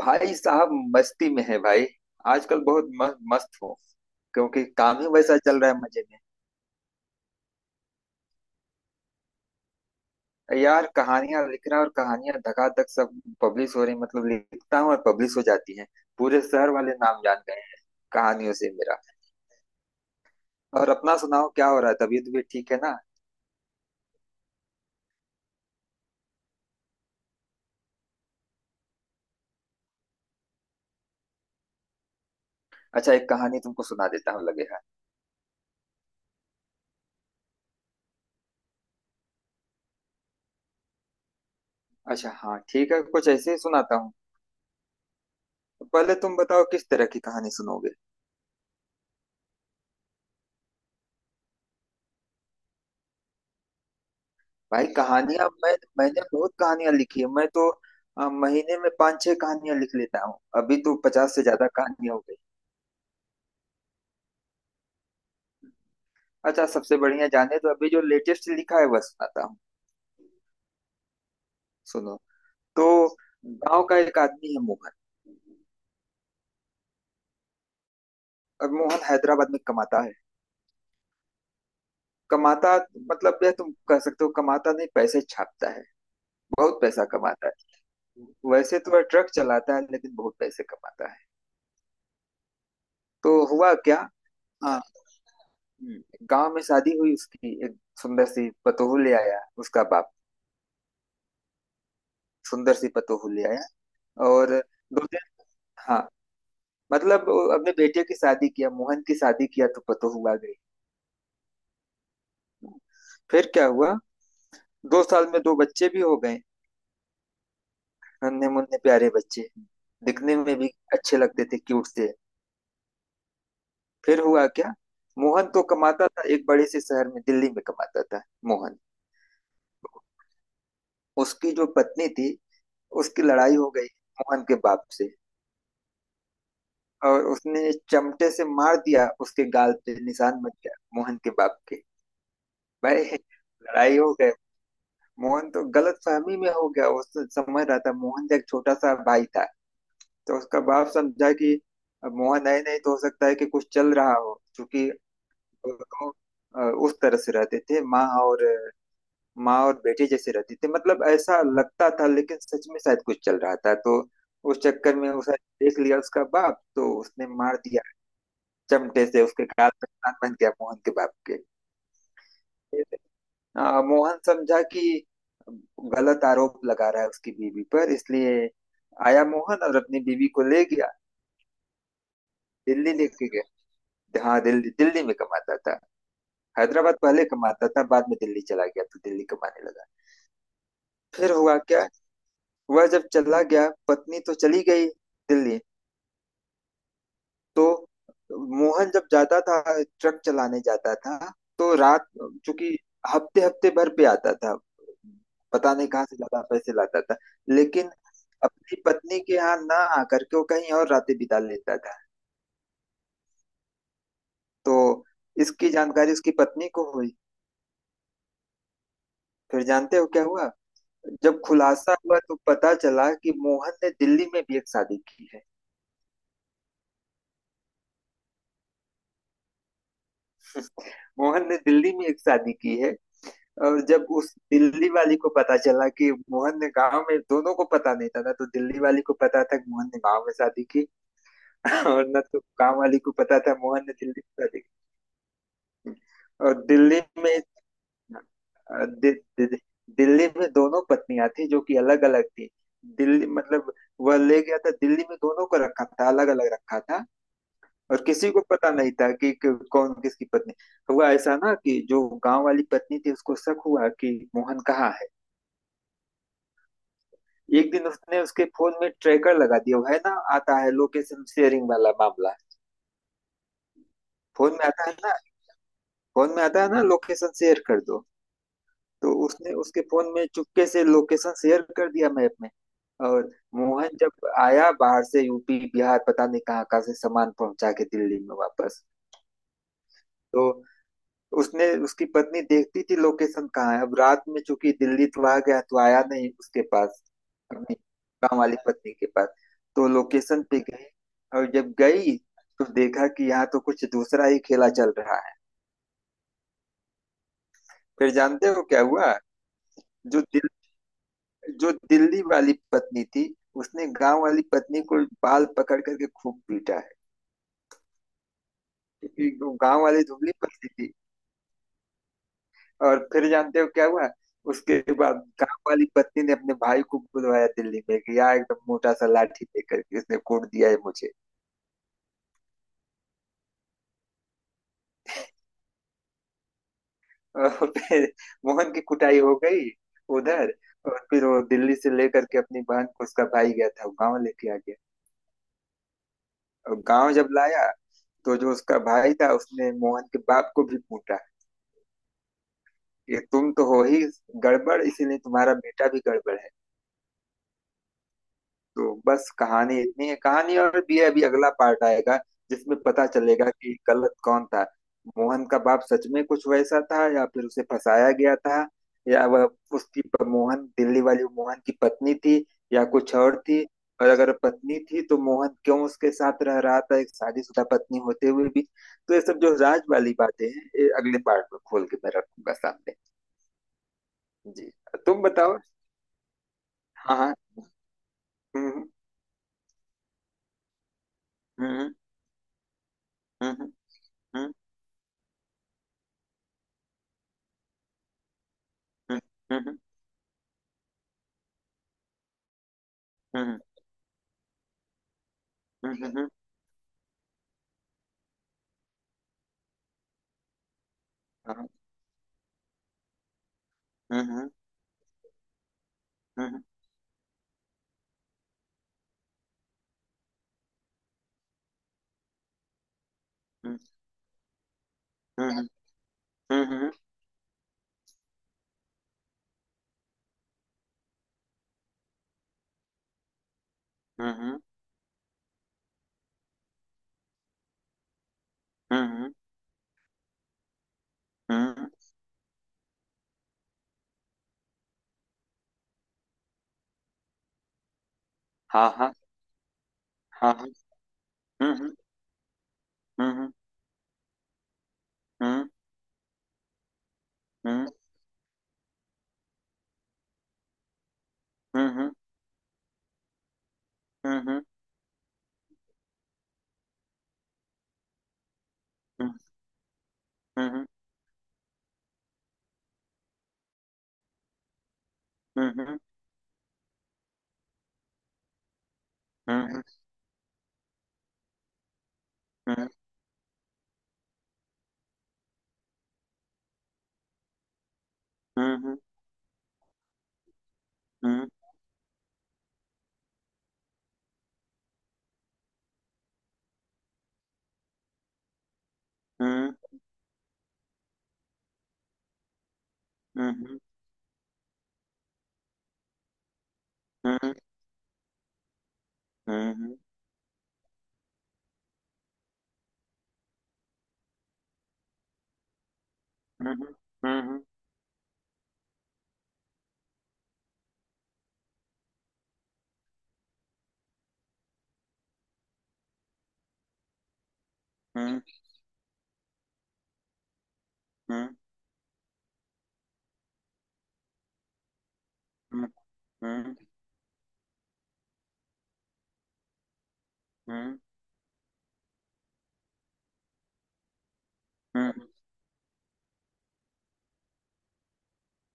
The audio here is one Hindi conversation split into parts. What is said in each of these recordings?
भाई साहब। मस्ती में है भाई। आजकल बहुत मस्त हो। क्योंकि काम ही वैसा चल रहा है, मजे में। यार कहानियां लिख रहा और कहानियां धकाधक सब पब्लिश हो रही, मतलब लिखता हूँ और पब्लिश हो जाती हैं। पूरे शहर वाले नाम जान गए हैं कहानियों से मेरा। और अपना सुनाओ, क्या हो रहा है? तबीयत भी ठीक है ना? अच्छा, एक कहानी तुमको सुना देता हूँ लगे हाथ। अच्छा हाँ ठीक है, कुछ ऐसे ही सुनाता हूँ। पहले तुम बताओ, किस तरह की कहानी सुनोगे? भाई कहानियां मैंने बहुत कहानियां लिखी है, मैं तो महीने में पाँच छह कहानियां लिख लेता हूँ, अभी तो 50 से ज्यादा कहानियां हो गई। अच्छा, सबसे बढ़िया जाने तो अभी जो लेटेस्ट लिखा है वह सुनाता हूँ। सुनो। तो गांव का एक आदमी है, मोहन। और मोहन हैदराबाद में कमाता है। कमाता, मतलब यह तुम कह सकते हो कमाता नहीं, पैसे छापता है। बहुत पैसा कमाता है। वैसे तो वह ट्रक चलाता है, लेकिन बहुत पैसे कमाता है। तो हुआ क्या। हाँ। गांव में शादी हुई उसकी, एक सुंदर सी पतोहू ले आया उसका बाप। सुंदर सी पतोहू ले आया। और 2 दिन। हाँ। मतलब वो अपने बेटे की शादी किया, मोहन की शादी किया तो पतोहू आ गई। फिर क्या हुआ? 2 साल में दो बच्चे भी हो गए। नन्हे मुन्ने प्यारे बच्चे। दिखने में भी अच्छे लगते थे, क्यूट से। फिर हुआ क्या? मोहन तो कमाता था एक बड़े से शहर में, दिल्ली में कमाता था मोहन। उसकी जो पत्नी थी, उसकी लड़ाई हो गई मोहन के बाप से। और उसने चमटे से मार दिया, उसके गाल पे निशान बच गया मोहन के बाप के। भाई लड़ाई हो गए। मोहन तो गलत फहमी में हो गया, वो तो समझ रहा था, मोहन एक छोटा सा भाई था। तो उसका बाप समझा कि अब मोहन आए नहीं तो हो सकता है कि कुछ चल रहा हो, क्योंकि दोनों उस तरह से रहते थे, माँ और बेटे जैसे रहते थे, मतलब ऐसा लगता था, लेकिन सच में शायद कुछ चल रहा था। तो उस चक्कर में उसे देख लिया उसका बाप, तो उसने मार दिया चमटे से, उसके गाल पे कान बन गया मोहन के बाप के। मोहन समझा कि गलत आरोप लगा रहा है उसकी बीवी पर, इसलिए आया मोहन और अपनी बीवी को ले गया। दिल्ली लेके गया। हाँ दिल्ली, दिल्ली में कमाता था। हैदराबाद पहले कमाता था, बाद में दिल्ली चला गया तो दिल्ली कमाने लगा। फिर हुआ क्या? वह जब चला गया, पत्नी तो चली गई दिल्ली। तो मोहन जब जाता था, ट्रक चलाने जाता था तो रात, चूंकि हफ्ते हफ्ते भर पे आता था, पता नहीं कहाँ से ज्यादा पैसे लाता था, लेकिन अपनी पत्नी के यहाँ ना आकर के वो कहीं और रातें बिता लेता था। तो इसकी जानकारी उसकी पत्नी को हुई। फिर जानते हो क्या हुआ? जब खुलासा हुआ तो पता चला कि मोहन ने दिल्ली में भी एक शादी की है। मोहन ने दिल्ली में एक शादी की है। और जब उस दिल्ली वाली को पता चला कि मोहन ने गांव में, दोनों को पता नहीं था ना, तो दिल्ली वाली को पता था कि मोहन ने गांव में शादी की और ना तो गांव वाली को पता था मोहन ने दिल्ली में शादी की। और दिल्ली में अ, दि, दि, दि- दिल्ली में दोनों पत्नियां थी जो कि अलग अलग थी। दिल्ली मतलब वह ले गया था, दिल्ली में दोनों को रखा था, अलग अलग रखा था। और किसी को पता नहीं था कि, कौन किसकी पत्नी। हुआ ऐसा ना कि जो गांव वाली पत्नी थी उसको शक हुआ कि मोहन कहाँ है। एक दिन उसने उसके फोन में ट्रैकर लगा दिया है ना। आता है लोकेशन शेयरिंग वाला मामला, फोन में आता है ना। लोकेशन शेयर कर दो। तो उसने उसके फोन में चुपके से लोकेशन शेयर कर दिया मैप में। और मोहन जब आया बाहर से, यूपी बिहार पता नहीं कहाँ कहाँ से सामान पहुंचा के दिल्ली में वापस। तो उसने उसकी पत्नी देखती थी लोकेशन कहाँ है। अब रात में चूंकि दिल्ली तो आ गया, तो आया नहीं उसके पास, अपनी गाँव वाली पत्नी के पास। तो लोकेशन पे गई। और जब गई तो देखा कि यहाँ तो कुछ दूसरा ही खेला चल रहा है। फिर जानते हो क्या हुआ? जो दिल जो दिल्ली वाली पत्नी थी उसने गांव वाली पत्नी को बाल पकड़ करके खूब पीटा है, क्योंकि वो गांव वाली दुबली पतली थी। और फिर जानते हो क्या हुआ उसके बाद? गांव वाली पत्नी ने अपने भाई को बुलवाया दिल्ली में, कि आ, एकदम मोटा सा लाठी लेकर के इसने कूट दिया है मुझे। और फिर मोहन की कुटाई हो गई उधर। और फिर वो दिल्ली से लेकर के अपनी बहन को, उसका भाई गया था, वो गांव लेके आ गया। और गांव जब लाया तो जो उसका भाई था उसने मोहन के बाप को भी कूटा, कि तुम तो हो ही गड़बड़, इसीलिए तुम्हारा बेटा भी गड़बड़ है। तो बस कहानी इतनी है, कहानी और भी है, अभी अगला पार्ट आएगा जिसमें पता चलेगा कि गलत कौन था। मोहन का बाप सच में कुछ वैसा था या फिर उसे फंसाया गया था। या वह, उसकी मोहन, दिल्ली वाली मोहन की पत्नी थी या कुछ और थी। और अगर पत्नी थी तो मोहन क्यों उसके साथ रह रहा था एक शादीशुदा पत्नी होते हुए भी। तो ये सब जो राज वाली बातें हैं ये अगले पार्ट में खोल के मैं रखूंगा सामने। जी। तुम बताओ। हाँ हाँ। हम्म। हम्म हम्म। हम्म हम्म। हम्म। हम्म हम्म हम्म हम्म हम्म हम्म। हम्म हम्म हम्म। हम्म हम्म हाँ हाँ हाँ हाँ। हम्म हम्म हम्म हम्म। हम्म हम्म हम्म हम्म। हम्म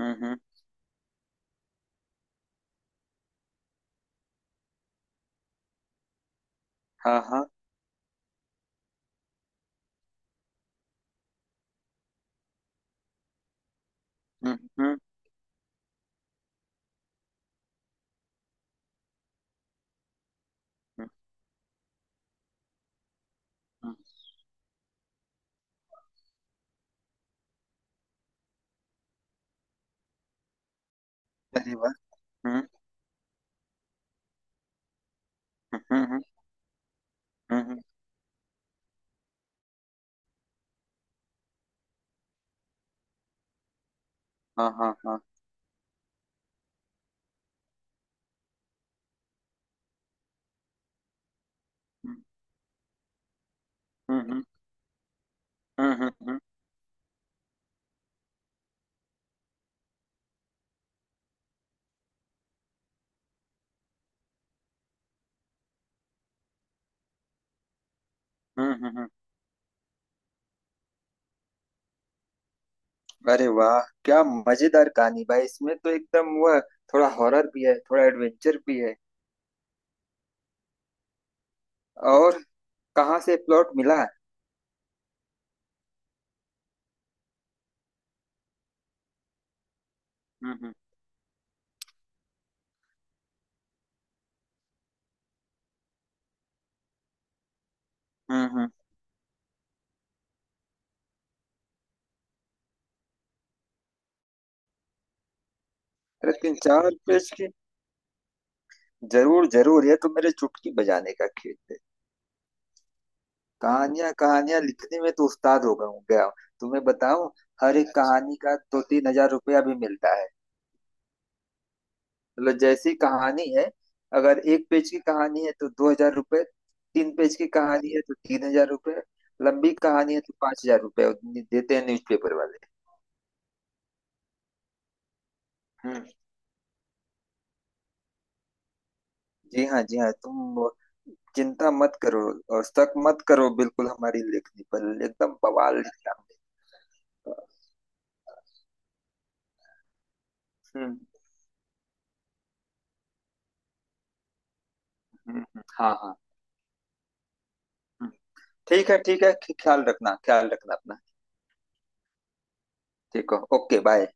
हम्म। हाँ हाँ। अरे वाह। हाँ हाँ हाँ। हम्म हम्म हम्म। अरे वाह, क्या मजेदार कहानी भाई! इसमें तो एकदम वह, थोड़ा हॉरर भी है थोड़ा एडवेंचर भी है। और कहाँ से प्लॉट मिला है? हम्म हम्म हम्म हम्म। अरे 3-4 पेज की? जरूर जरूर, ये तो मेरे चुटकी बजाने का खेल है। कहानियां कहानियां लिखने में तो उस्ताद हो गया हूँ, गया हूँ। तुम्हें बताऊं, हर एक कहानी का 2-3 हज़ार रुपया भी मिलता है। मतलब जैसी कहानी है, अगर 1 पेज की कहानी है तो 2 हज़ार रुपये, 3 पेज की कहानी है तो 3 हज़ार रुपये, लंबी कहानी है तो 5 हज़ार रुपये देते हैं न्यूज़पेपर वाले। हम्म। जी हाँ जी हाँ। तुम चिंता मत करो और शक मत करो बिल्कुल हमारी लेखनी पर, एकदम बवाल लिखा हमने। हम्म हम्म। हाँ हाँ। हम्म, ठीक है ठीक है। ख्याल रखना अपना। ठीक है ओके बाय।